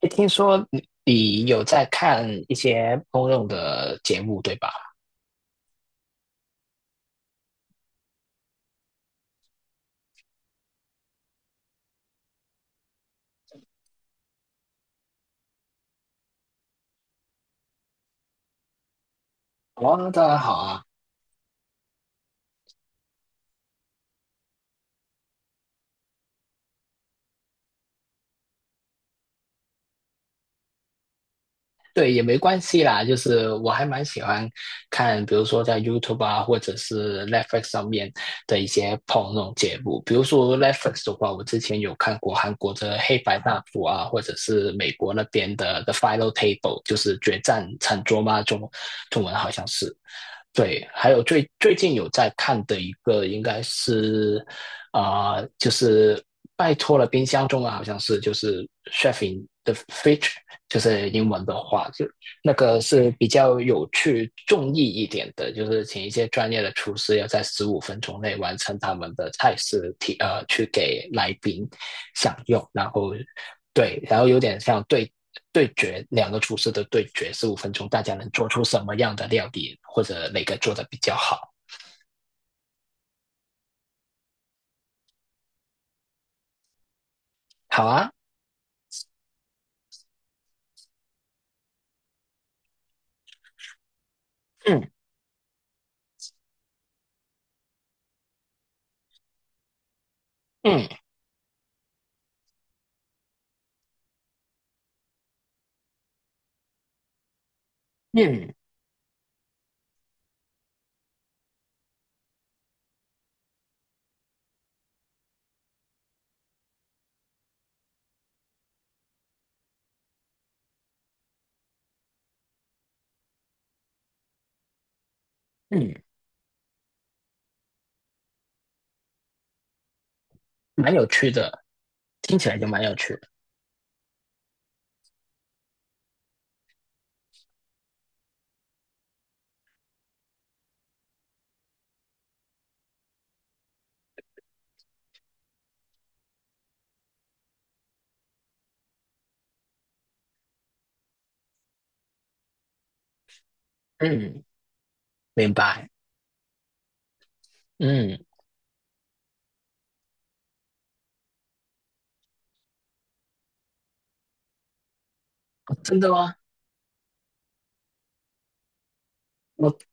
诶听说你有在看一些公用的节目，对吧？哦，当然好啊，对，也没关系啦。就是我还蛮喜欢看，比如说在 YouTube 啊，或者是 Netflix 上面的一些那种节目。比如说 Netflix 的话，我之前有看过韩国的《黑白大谱》啊，或者是美国那边的《The Final Table》，就是《决战餐桌》嘛，中文好像是。对，还有最近有在看的一个应该是就是拜托了冰箱，中文好像是就是 chef in the fridge，就是英文的话，就那个是比较有趣、重意一点的，就是请一些专业的厨师要在十五分钟内完成他们的菜式去给来宾享用，然后对，然后有点像对决两个厨师的对决，十五分钟大家能做出什么样的料理，或者哪个做的比较好。好啊，嗯嗯嗯嗯，蛮有趣的，听起来就蛮有趣的。嗯，明白。嗯，真的吗？我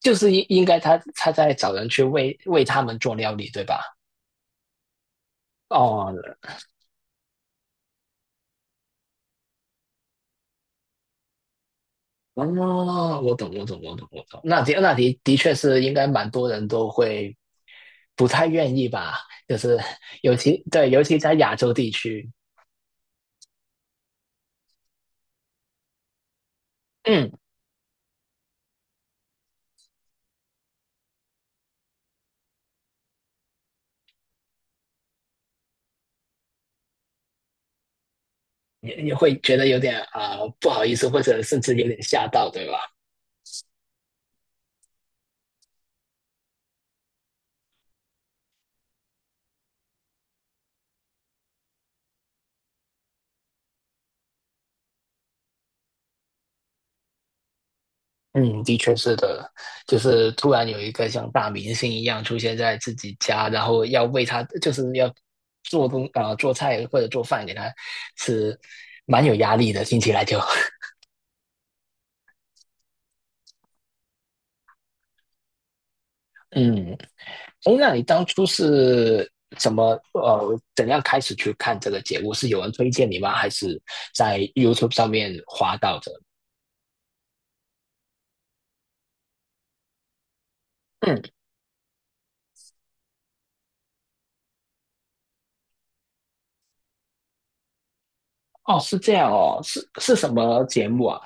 就是应该他在找人去为他们做料理，对吧？哦，哦，我懂，我懂，我懂，我懂。那的那的的确是应该蛮多人都会不太愿意吧，就是尤其在亚洲地区，嗯，也会觉得有点不好意思，或者甚至有点吓到，对吧？嗯，的确是的，就是突然有一个像大明星一样出现在自己家，然后要为他，就是要做东做菜或者做饭给他吃，蛮有压力的，听起来就。嗯，哎，那你当初是怎么怎样开始去看这个节目？是有人推荐你吗？还是在 YouTube 上面滑到的？嗯，哦，是这样哦，是什么节目啊？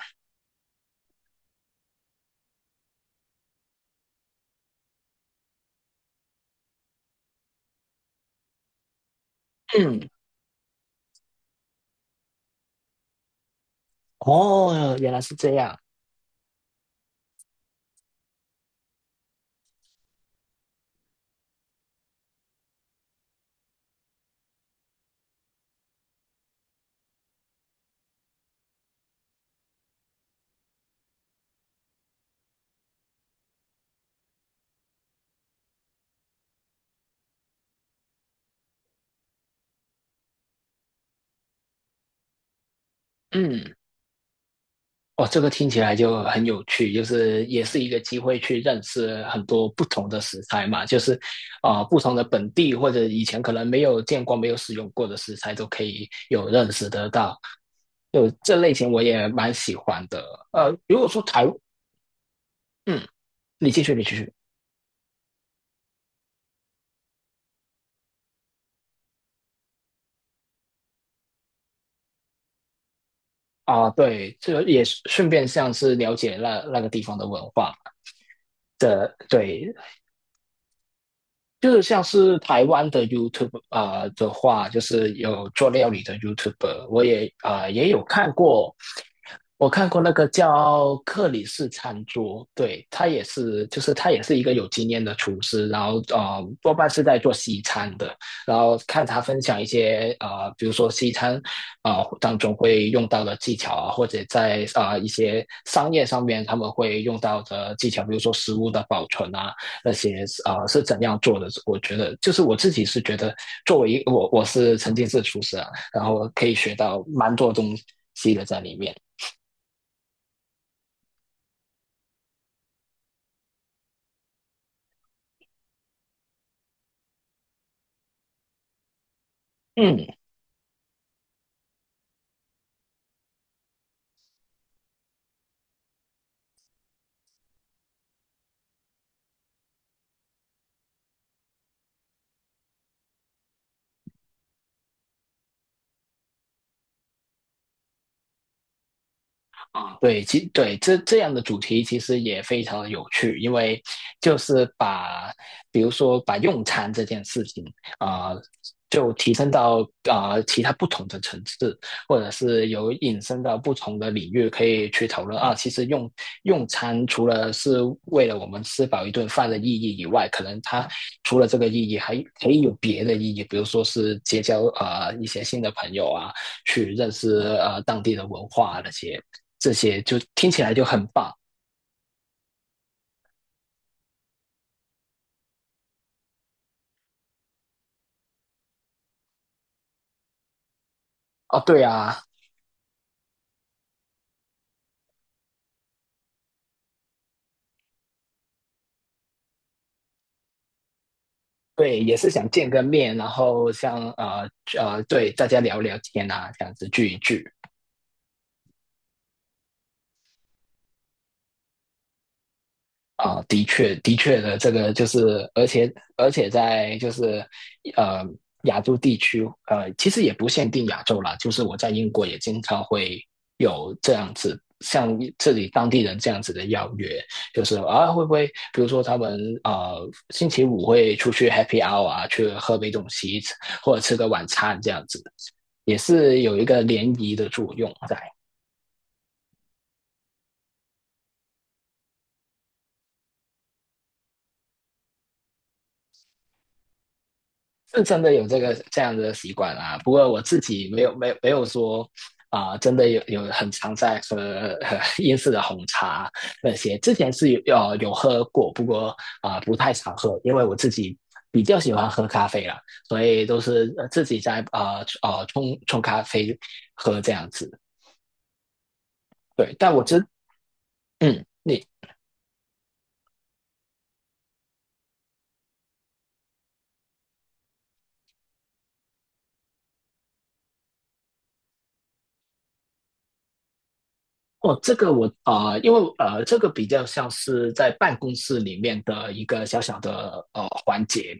嗯，哦，原来是这样。嗯。哦，这个听起来就很有趣，就是也是一个机会去认识很多不同的食材嘛，就是不同的本地或者以前可能没有见过、没有使用过的食材都可以有认识得到。就这类型我也蛮喜欢的。呃，如果说台，嗯，你继续，你继续。啊，对，这也顺便像是了解那个地方的文化的，对，就是像是台湾的 YouTube 的话，就是有做料理的 YouTuber，我也有看过。我看过那个叫克里斯餐桌，对，他也是，就是他也是一个有经验的厨师，然后多半是在做西餐的，然后看他分享一些比如说西餐当中会用到的技巧啊，或者在一些商业上面他们会用到的技巧，比如说食物的保存啊那些啊是怎样做的。我觉得就是我自己是觉得作为一我我是曾经是厨师啊，然后可以学到蛮多东西的在里面，嗯。啊，对，其对这这样的主题其实也非常的有趣，因为就是把，比如说把用餐这件事情啊、呃就提升到其他不同的层次，或者是有引申到不同的领域可以去讨论啊。其实用餐除了是为了我们吃饱一顿饭的意义以外，可能它除了这个意义，还可以有别的意义，比如说是结交一些新的朋友啊，去认识当地的文化啊那些。这些，就听起来就很棒哦。对啊，对，也是想见个面，然后，对，大家聊聊天啊，这样子聚一聚。啊，的确这个就是，而且在就是呃亚洲地区，其实也不限定亚洲啦，就是我在英国也经常会有这样子，像这里当地人这样子的邀约，就是啊，会不会比如说他们星期五会出去 happy hour 啊，去喝杯东西，或者吃个晚餐这样子，也是有一个联谊的作用在。是真的有这样的习惯啊。不过我自己没有说真的有很常在喝英式的红茶那些。之前是有喝过，不过不太常喝，因为我自己比较喜欢喝咖啡啦，所以都是自己在冲咖啡喝这样子。对，但我真嗯，哦，这个我因为这个比较像是在办公室里面的一个小小的环节，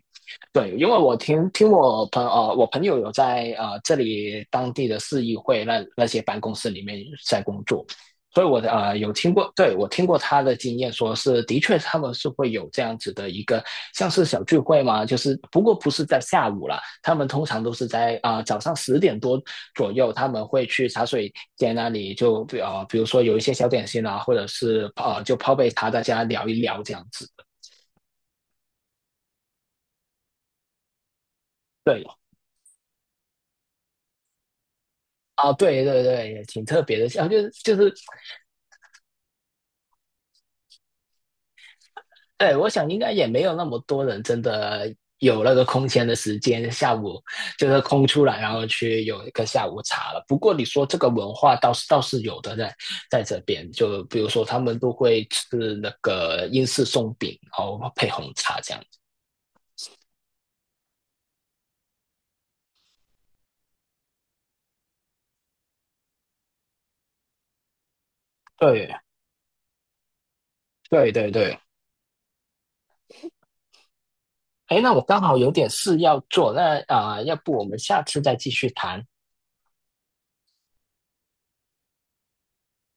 对，因为我听我朋友有在这里当地的市议会那些办公室里面在工作，所以有听过，对，我听过他的经验，说是的确他们是会有这样子的一个像是小聚会嘛，就是不过不是在下午啦，他们通常都是在早上10点多左右，他们会去茶水间那里就比如说有一些小点心啊，或者是就泡杯茶，大家聊一聊这样子。对啊，对对对，也挺特别的。啊，就是就是，对，我想应该也没有那么多人真的有那个空闲的时间，下午就是空出来，然后去有一个下午茶了。不过你说这个文化倒是有的在，在这边，就比如说他们都会吃那个英式松饼，然后配红茶这样子。对对对对。哎，那我刚好有点事要做，那要不我们下次再继续谈？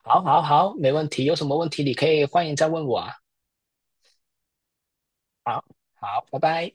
好，好，好，没问题。有什么问题你可以欢迎再问我啊。好，好，拜拜。